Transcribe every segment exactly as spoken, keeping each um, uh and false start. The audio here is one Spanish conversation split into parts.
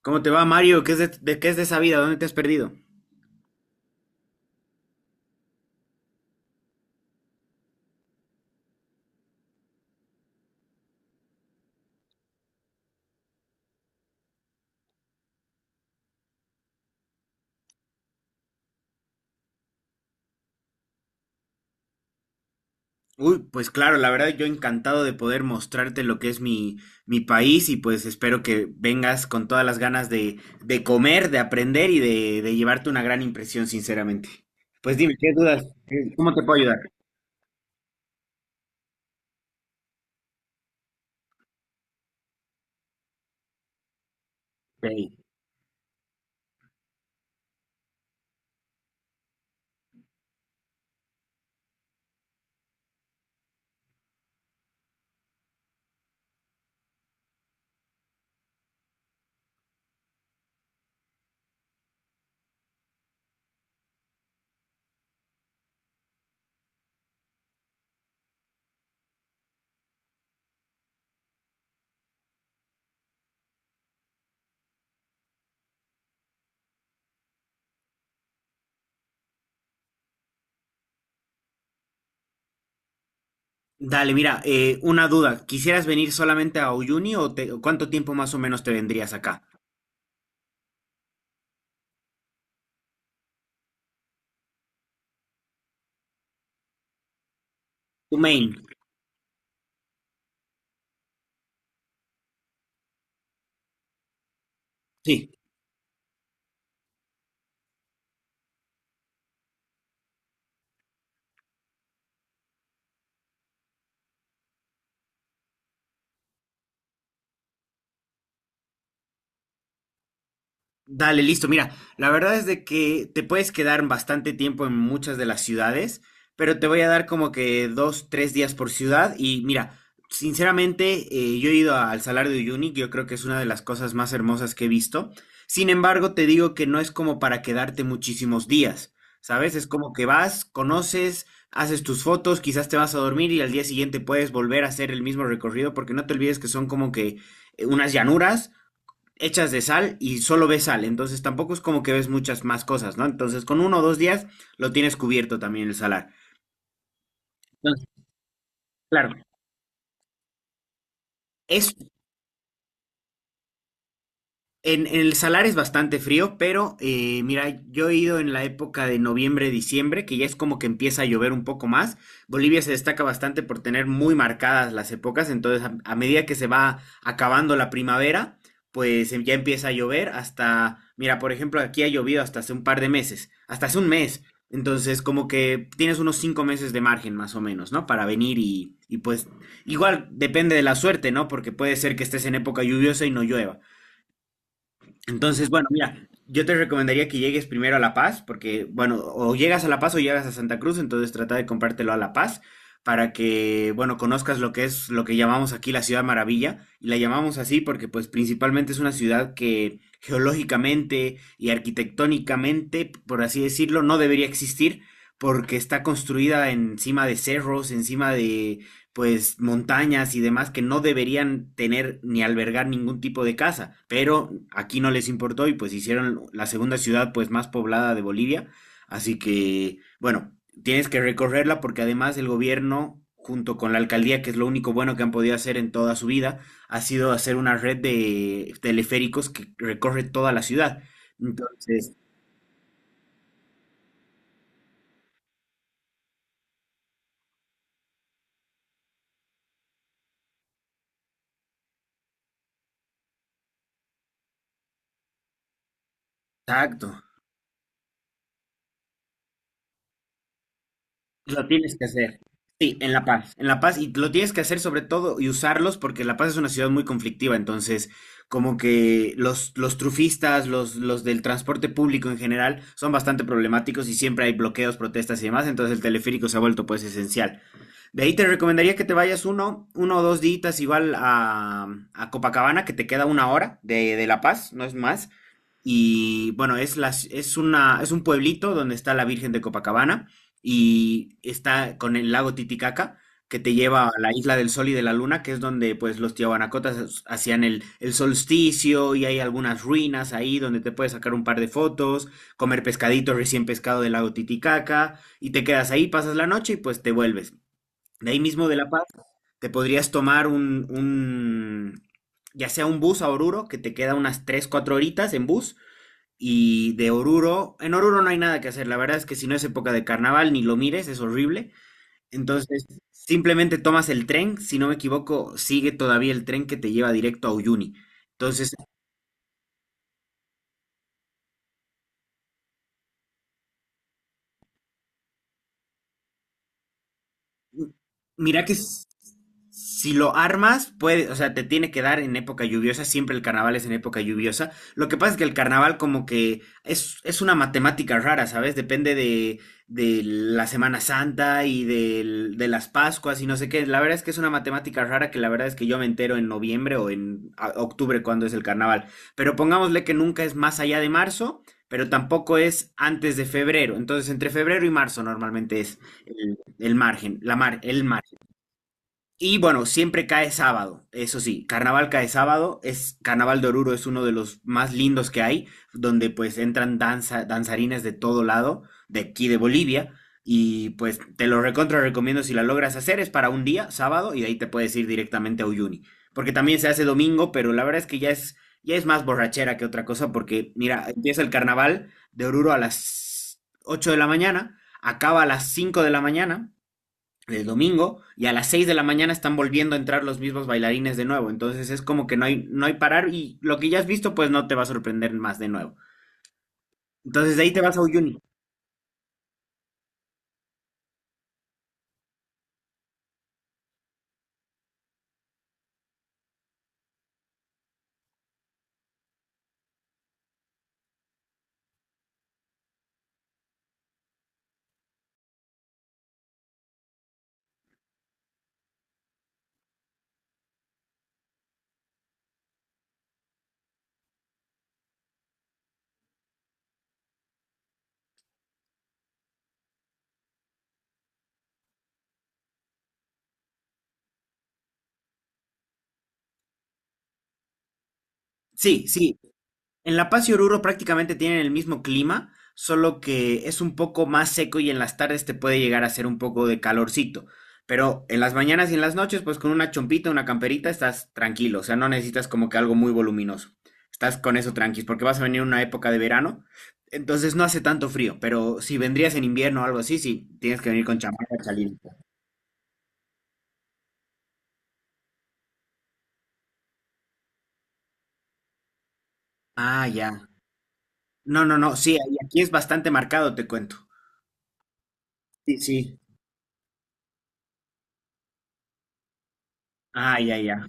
¿Cómo te va, Mario? ¿Qué es de, de- qué es de esa vida? ¿Dónde te has perdido? Uy, pues claro, la verdad yo encantado de poder mostrarte lo que es mi, mi país y pues espero que vengas con todas las ganas de, de comer, de aprender y de, de llevarte una gran impresión, sinceramente. Pues dime, ¿qué dudas? ¿Qué- ¿Cómo te puedo ayudar? Ok. Dale, mira, eh, una duda. ¿Quisieras venir solamente a Uyuni o te- cuánto tiempo más o menos te vendrías acá? Tu main. Sí. Dale, listo. Mira, la verdad es de que te puedes quedar bastante tiempo en muchas de las ciudades, pero te voy a dar como que dos, tres días por ciudad. Y mira, sinceramente, eh, yo he ido al Salar de Uyuni, yo creo que es una de las cosas más hermosas que he visto. Sin embargo, te digo que no es como para quedarte muchísimos días, ¿sabes? Es como que vas, conoces, haces tus fotos, quizás te vas a dormir y al día siguiente puedes volver a hacer el mismo recorrido, porque no te olvides que son como que eh, unas llanuras hechas de sal y solo ves sal, entonces tampoco es como que ves muchas más cosas, ¿no? Entonces con uno o dos días lo tienes cubierto también el salar. Entonces, claro, es En, en el Salar es bastante frío, pero eh, mira, yo he ido en la época de noviembre, diciembre, que ya es como que empieza a llover un poco más. Bolivia se destaca bastante por tener muy marcadas las épocas, entonces a, a medida que se va acabando la primavera, pues em- ya empieza a llover hasta, mira, por ejemplo, aquí ha llovido hasta hace un par de meses, hasta hace un mes. Entonces, como que tienes unos cinco meses de margen más o menos, ¿no? Para venir y, y pues igual depende de la suerte, ¿no? Porque puede ser que estés en época lluviosa y no llueva. Entonces, bueno, mira, yo te recomendaría que llegues primero a La Paz, porque, bueno, o llegas a La Paz o llegas a Santa Cruz, entonces trata de comprártelo a La Paz para que, bueno, conozcas lo que es lo que llamamos aquí la Ciudad Maravilla, y la llamamos así porque, pues, principalmente es una ciudad que geológicamente y arquitectónicamente, por así decirlo, no debería existir porque está construida encima de cerros, encima de, pues montañas y demás que no deberían tener ni albergar ningún tipo de casa, pero aquí no les importó y pues hicieron la segunda ciudad pues más poblada de Bolivia, así que bueno, tienes que recorrerla porque además el gobierno junto con la alcaldía, que es lo único bueno que han podido hacer en toda su vida, ha sido hacer una red de teleféricos que recorre toda la ciudad. Entonces, exacto. Lo tienes que hacer. Sí, en La Paz. En La Paz, y lo tienes que hacer sobre todo y usarlos porque La Paz es una ciudad muy conflictiva, entonces como que los, los trufistas, los, los del transporte público en general son bastante problemáticos y siempre hay bloqueos, protestas y demás, entonces el teleférico se ha vuelto pues esencial. De ahí te recomendaría que te vayas uno, uno o dos días igual a, a Copacabana, que te queda una hora de, de La Paz, no es más, y bueno, es, la, es, una, es un pueblito donde está la Virgen de Copacabana y está con el lago Titicaca que te lleva a la isla del Sol y de la Luna, que es donde pues los tiahuanacotas hacían el, el solsticio y hay algunas ruinas ahí donde te puedes sacar un par de fotos, comer pescadito recién pescado del lago Titicaca y te quedas ahí, pasas la noche y pues te vuelves. De ahí mismo de La Paz te podrías tomar un, un ya sea un bus a Oruro, que te queda unas tres cuatro horitas en bus, y de Oruro. En Oruro no hay nada que hacer, la verdad es que si no es época de carnaval, ni lo mires, es horrible. Entonces, simplemente tomas el tren, si no me equivoco, sigue todavía el tren que te lleva directo a Uyuni. Entonces, Mira que s- si lo armas, puede, o sea, te tiene que dar en época lluviosa, siempre el carnaval es en época lluviosa. Lo que pasa es que el carnaval como que es, es una matemática rara, ¿sabes? Depende de, de la Semana Santa y del- de las Pascuas y no sé qué. La verdad es que es una matemática rara que la verdad es que yo me entero en noviembre o en a- octubre cuando es el carnaval. Pero pongámosle que nunca es más allá de marzo, pero tampoco es antes de febrero. Entonces, entre febrero y marzo normalmente es el margen, la mar, el margen. Y bueno, siempre cae sábado, eso sí, carnaval cae sábado, es Carnaval de Oruro es uno de los más lindos que hay, donde pues entran danza, danzarines de todo lado, de aquí de Bolivia, y pues te lo recontra recomiendo si la logras hacer, es para un día, sábado, y de ahí te puedes ir directamente a Uyuni, porque también se hace domingo, pero la verdad es que ya es, ya es más borrachera que otra cosa, porque mira, empieza el Carnaval de Oruro a las ocho de la mañana, acaba a las cinco de la mañana, el domingo y a las seis de la mañana están volviendo a entrar los mismos bailarines de nuevo. Entonces es como que no hay, no hay parar y lo que ya has visto pues no te va a sorprender más de nuevo. Entonces de ahí te vas a Uyuni. Sí, sí, en La Paz y Oruro prácticamente tienen el mismo clima, solo que es un poco más seco y en las tardes te puede llegar a hacer un poco de calorcito. Pero en las mañanas y en las noches, pues con una chompita, una camperita, estás tranquilo. O sea, no necesitas como que algo muy voluminoso. Estás con eso tranquis, porque vas a venir una época de verano, entonces no hace tanto frío. Pero si vendrías en invierno o algo así, sí, tienes que venir con chamarra caliente. Ah, ya. No, no, no, sí, ahí- aquí es bastante marcado, te cuento. Sí, sí. Ah, ya, ya.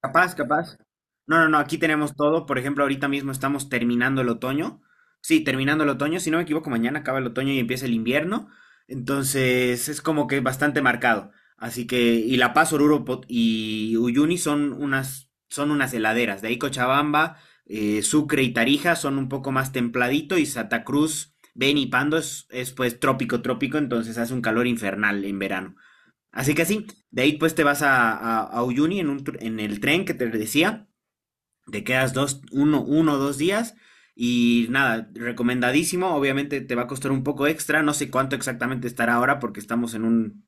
Capaz, capaz. No, no, no, aquí tenemos todo. Por ejemplo, ahorita mismo estamos terminando el otoño. Sí, terminando el otoño. Si no me equivoco, mañana acaba el otoño y empieza el invierno. Entonces es como que bastante marcado. Así que, y La Paz, Oruro Po- y Uyuni son unas, son unas heladeras. De ahí Cochabamba, eh, Sucre y Tarija son un poco más templadito y Santa Cruz, Beni y Pando es, es pues trópico, trópico, entonces hace un calor infernal en verano. Así que sí, de ahí pues te vas a, a, a Uyuni en, un tr- en el tren que te decía. Te quedas dos, uno, uno o dos días y nada, recomendadísimo. Obviamente te va a costar un poco extra. No sé cuánto exactamente estará ahora porque estamos en un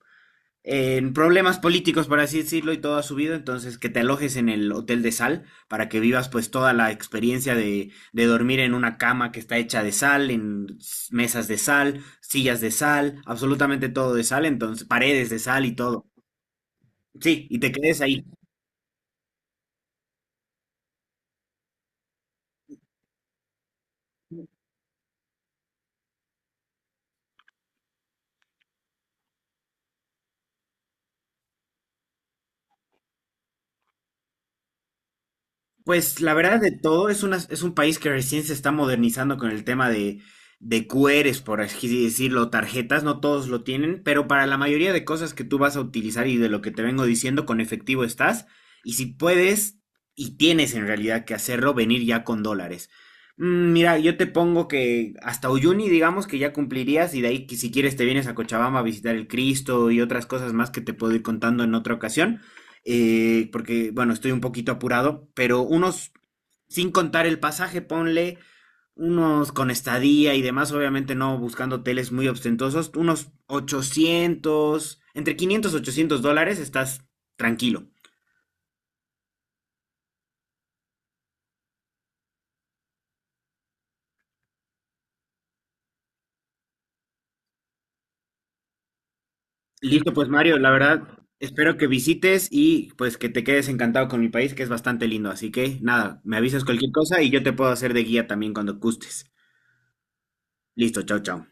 en problemas políticos, por así decirlo, y todo ha subido. Entonces, que te alojes en el Hotel de Sal para que vivas pues toda la experiencia de, de dormir en una cama que está hecha de sal, en s- mesas de sal, sillas de sal, absolutamente todo de sal, entonces paredes de sal y todo. Sí, y te quedes ahí. Pues la verdad de todo, es, una, es un país que recién se está modernizando con el tema de, de Q Rs, por así decirlo, tarjetas, no todos lo tienen, pero para la mayoría de cosas que tú vas a utilizar y de lo que te vengo diciendo, con efectivo estás, y si puedes y tienes en realidad que hacerlo, venir ya con dólares. Mm, Mira, yo te pongo que hasta Uyuni, digamos que ya cumplirías, y de ahí que si quieres te vienes a Cochabamba a visitar el Cristo y otras cosas más que te puedo ir contando en otra ocasión eh, porque, bueno, estoy un poquito apurado, pero unos, sin contar el pasaje, ponle unos con estadía y demás, obviamente no buscando hoteles muy ostentosos, unos ochocientos, entre quinientos y ochocientos dólares, estás tranquilo. Listo, pues Mario, la verdad, espero que visites y pues que te quedes encantado con mi país, que es bastante lindo. Así que nada, me avisas cualquier cosa y yo te puedo hacer de guía también cuando gustes. Listo, chao, chao.